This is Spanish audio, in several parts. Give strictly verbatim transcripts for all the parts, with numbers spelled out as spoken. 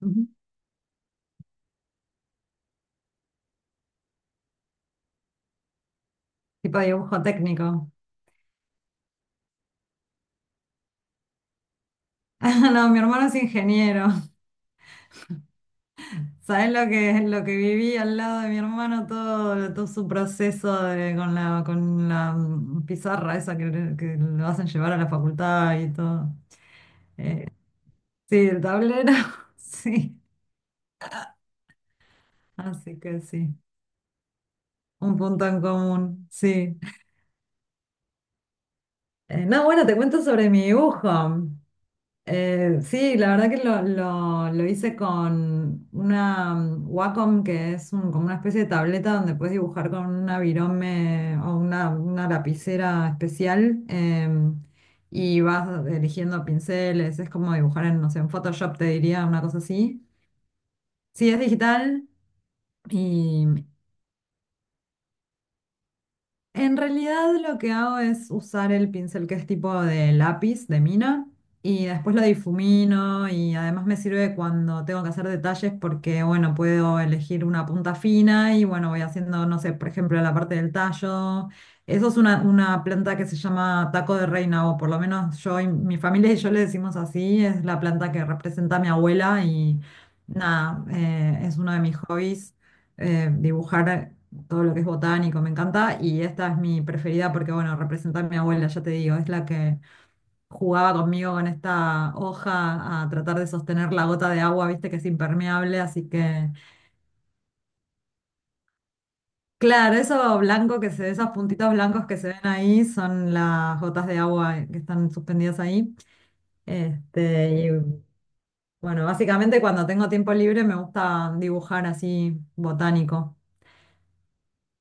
Ujú. Tipo dibujo técnico. Ah, no, mi hermano es ingeniero. ¿Sabes lo que, lo que viví al lado de mi hermano? Todo, todo su proceso de- con la, con la mm, pizarra esa que, le- que lo hacen llevar a la facultad y todo. Eh, sí, el tablero, sí. Así que sí, un punto en común, sí. Eh, no, bueno, te cuento sobre mi dibujo. Eh, sí, la verdad que lo, lo- lo hice con una mm, Wacom, que es un- como una especie de tableta donde puedes dibujar con una virome o una, una lapicera especial, em, y vas eligiendo pinceles. Es como dibujar en, no sé, en Photoshop, te diría, una cosa así. Sí, es digital y, en realidad, lo que hago es usar el pincel que es tipo de lápiz, de mina, y después lo difumino, y además me sirve cuando tengo que hacer detalles porque, bueno, puedo elegir una punta fina y, bueno, voy haciendo, no sé, por ejemplo, la parte del tallo. Eso es una, una planta que se llama taco de reina, o por lo menos yo y mi familia y yo le decimos así. Es la planta que representa a mi abuela y nada, eh, es uno de mis hobbies, eh, dibujar todo lo que es botánico, me encanta. Y esta es mi preferida porque, bueno, representa a mi abuela, ya te digo, es la que jugaba conmigo con esta hoja a tratar de sostener la gota de agua, viste que es impermeable, así que, claro, eso blanco que se ve, esos puntitos blancos que se ven ahí son las gotas de agua que están suspendidas ahí. Este, y bueno, básicamente cuando tengo tiempo libre me gusta dibujar así botánico.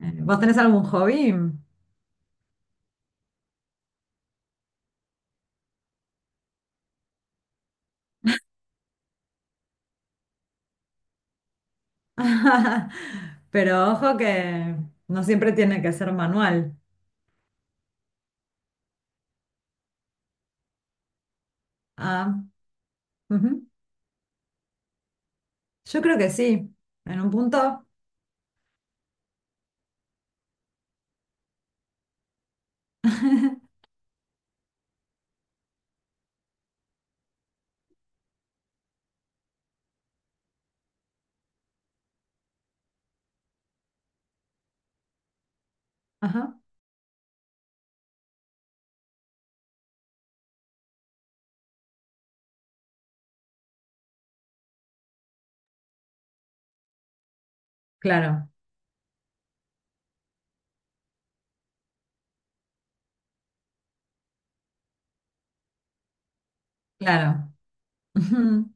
Eh, ¿Vos tenés algún hobby? Pero ojo que no siempre tiene que ser manual. Ah, ujú. Yo creo que sí, en un punto. Ajá. Claro, claro. Ujú.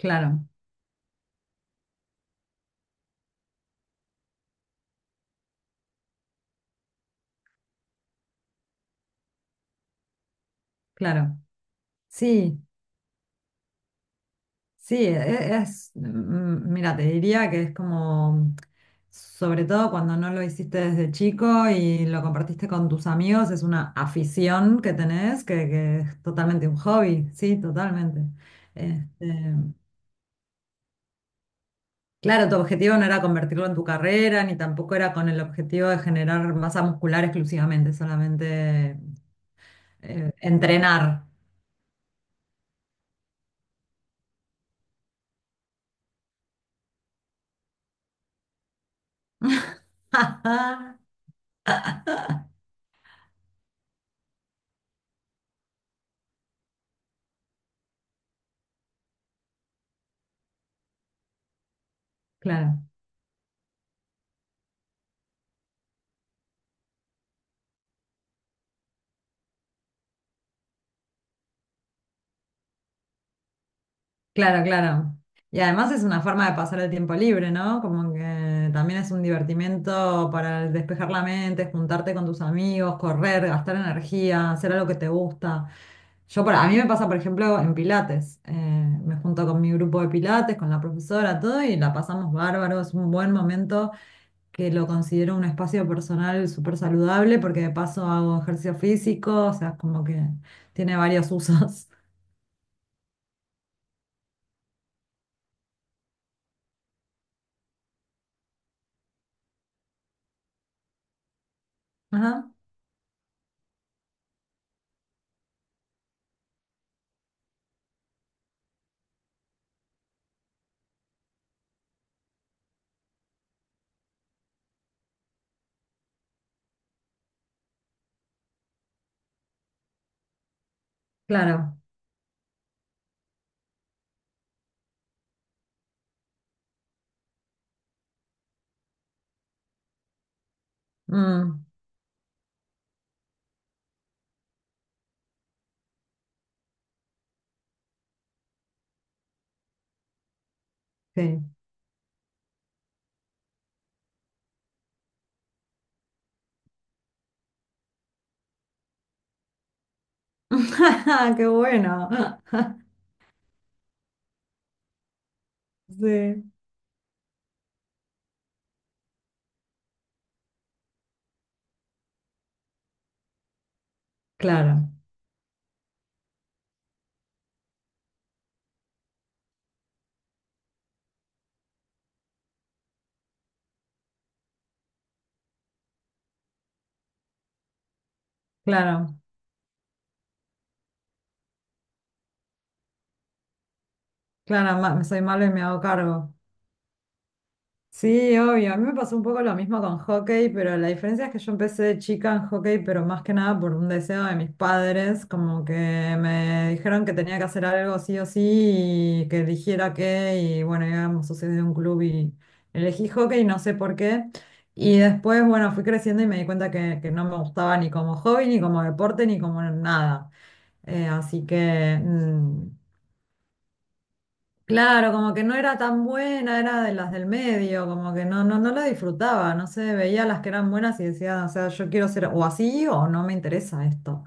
Claro, claro. Sí, sí, e- e, es, mm, mira, te diría que es como, sobre todo cuando no lo hiciste desde chico y lo compartiste con tus amigos, es una afición que tenés, que, que es totalmente un hobby, sí, totalmente. Este, claro, tu objetivo no era convertirlo en tu carrera, ni tampoco era con el objetivo de generar masa muscular exclusivamente, solamente eh, entrenar. Claro, claro, claro. Y además es una forma de pasar el tiempo libre, ¿no? Como que también es un divertimento para despejar la mente, juntarte con tus amigos, correr, gastar energía, hacer algo que te gusta. Yo, por- a mí me pasa, por ejemplo, en Pilates. Eh, me junto con mi grupo de Pilates, con la profesora, todo, y la pasamos bárbaro. Es un buen momento que lo considero un espacio personal súper saludable porque de paso hago ejercicio físico, o sea, como que tiene varios usos. Ajá, claro. Mm, sí. Qué bueno. Sí, claro, claro, claro, ma- soy malo y me hago cargo. Sí, obvio. A mí me pasó un poco lo mismo con hockey, pero la diferencia es que yo empecé de chica en hockey, pero más que nada por un deseo de mis padres, como que me dijeron que tenía que hacer algo sí o sí y que eligiera qué, y bueno, íbamos socios de un club y elegí hockey, no sé por qué. Y después, bueno, fui creciendo y me di cuenta que, que no me gustaba ni como hobby, ni como deporte, ni como nada. Eh, así que... mm, claro, como que no era tan buena, era de las del medio, como que no, no, no la disfrutaba, no sé, veía las que eran buenas y decía, o sea, yo quiero ser o así o no me interesa esto.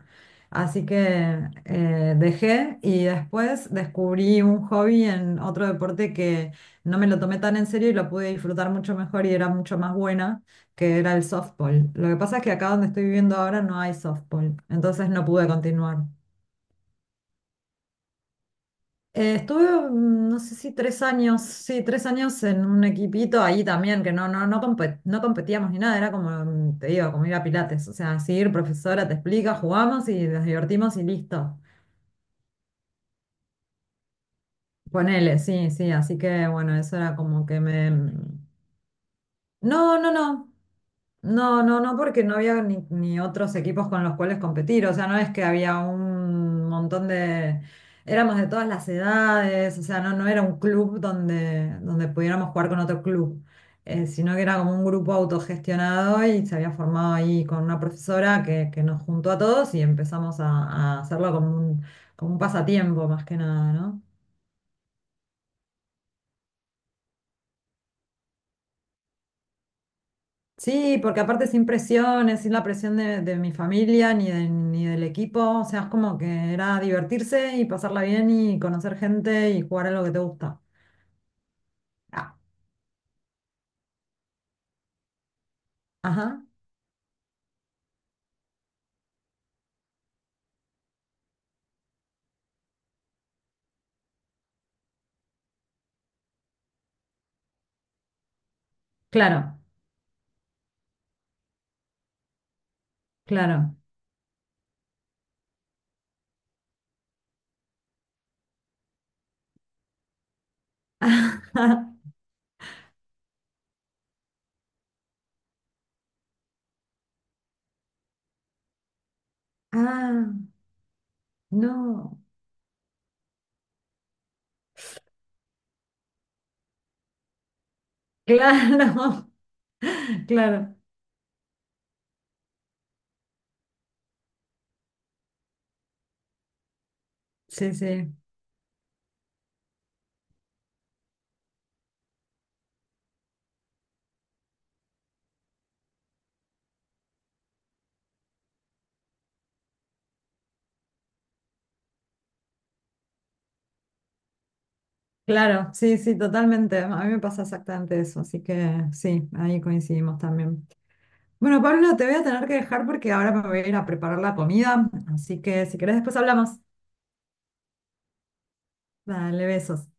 Así que eh, dejé y después descubrí un hobby en otro deporte que no me lo tomé tan en serio y lo pude disfrutar mucho mejor y era mucho más buena, que era el softball. Lo que pasa es que acá donde estoy viviendo ahora no hay softball, entonces no pude continuar. Eh, estuve, mm, no sé si tres años, sí, tres años en un equipito ahí también, que no, no, no compe- no competíamos ni nada, era como, mm, te digo, como ir a Pilates, o sea, sí, ir, profesora te explica, jugamos y nos divertimos y listo. Ponele, sí, sí, así que bueno, eso era como que me, mm, no, no, no. No, no, no, porque no había ni, ni otros equipos con los cuales competir. O sea, no es que había un montón de... Éramos de todas las edades, o sea, no, no era un club donde, donde pudiéramos jugar con otro club, eh, sino que era como un grupo autogestionado y se había formado ahí con una profesora que, que nos juntó a todos y empezamos a, a hacerlo como un, como un pasatiempo más que nada, ¿no? Sí, porque aparte sin presiones, sin la presión de, de mi familia ni, de- ni del equipo, o sea, es como que era divertirse y pasarla bien y conocer gente y jugar a lo que te gusta. Ah, ajá, claro, claro. Ah, no, claro, claro, sí, sí, claro, sí, sí, totalmente. A mí me pasa exactamente eso, así que sí, ahí coincidimos también. Bueno, Pablo, te voy a tener que dejar porque ahora me voy a ir a preparar la comida, así que si querés después hablamos. Dale, besos.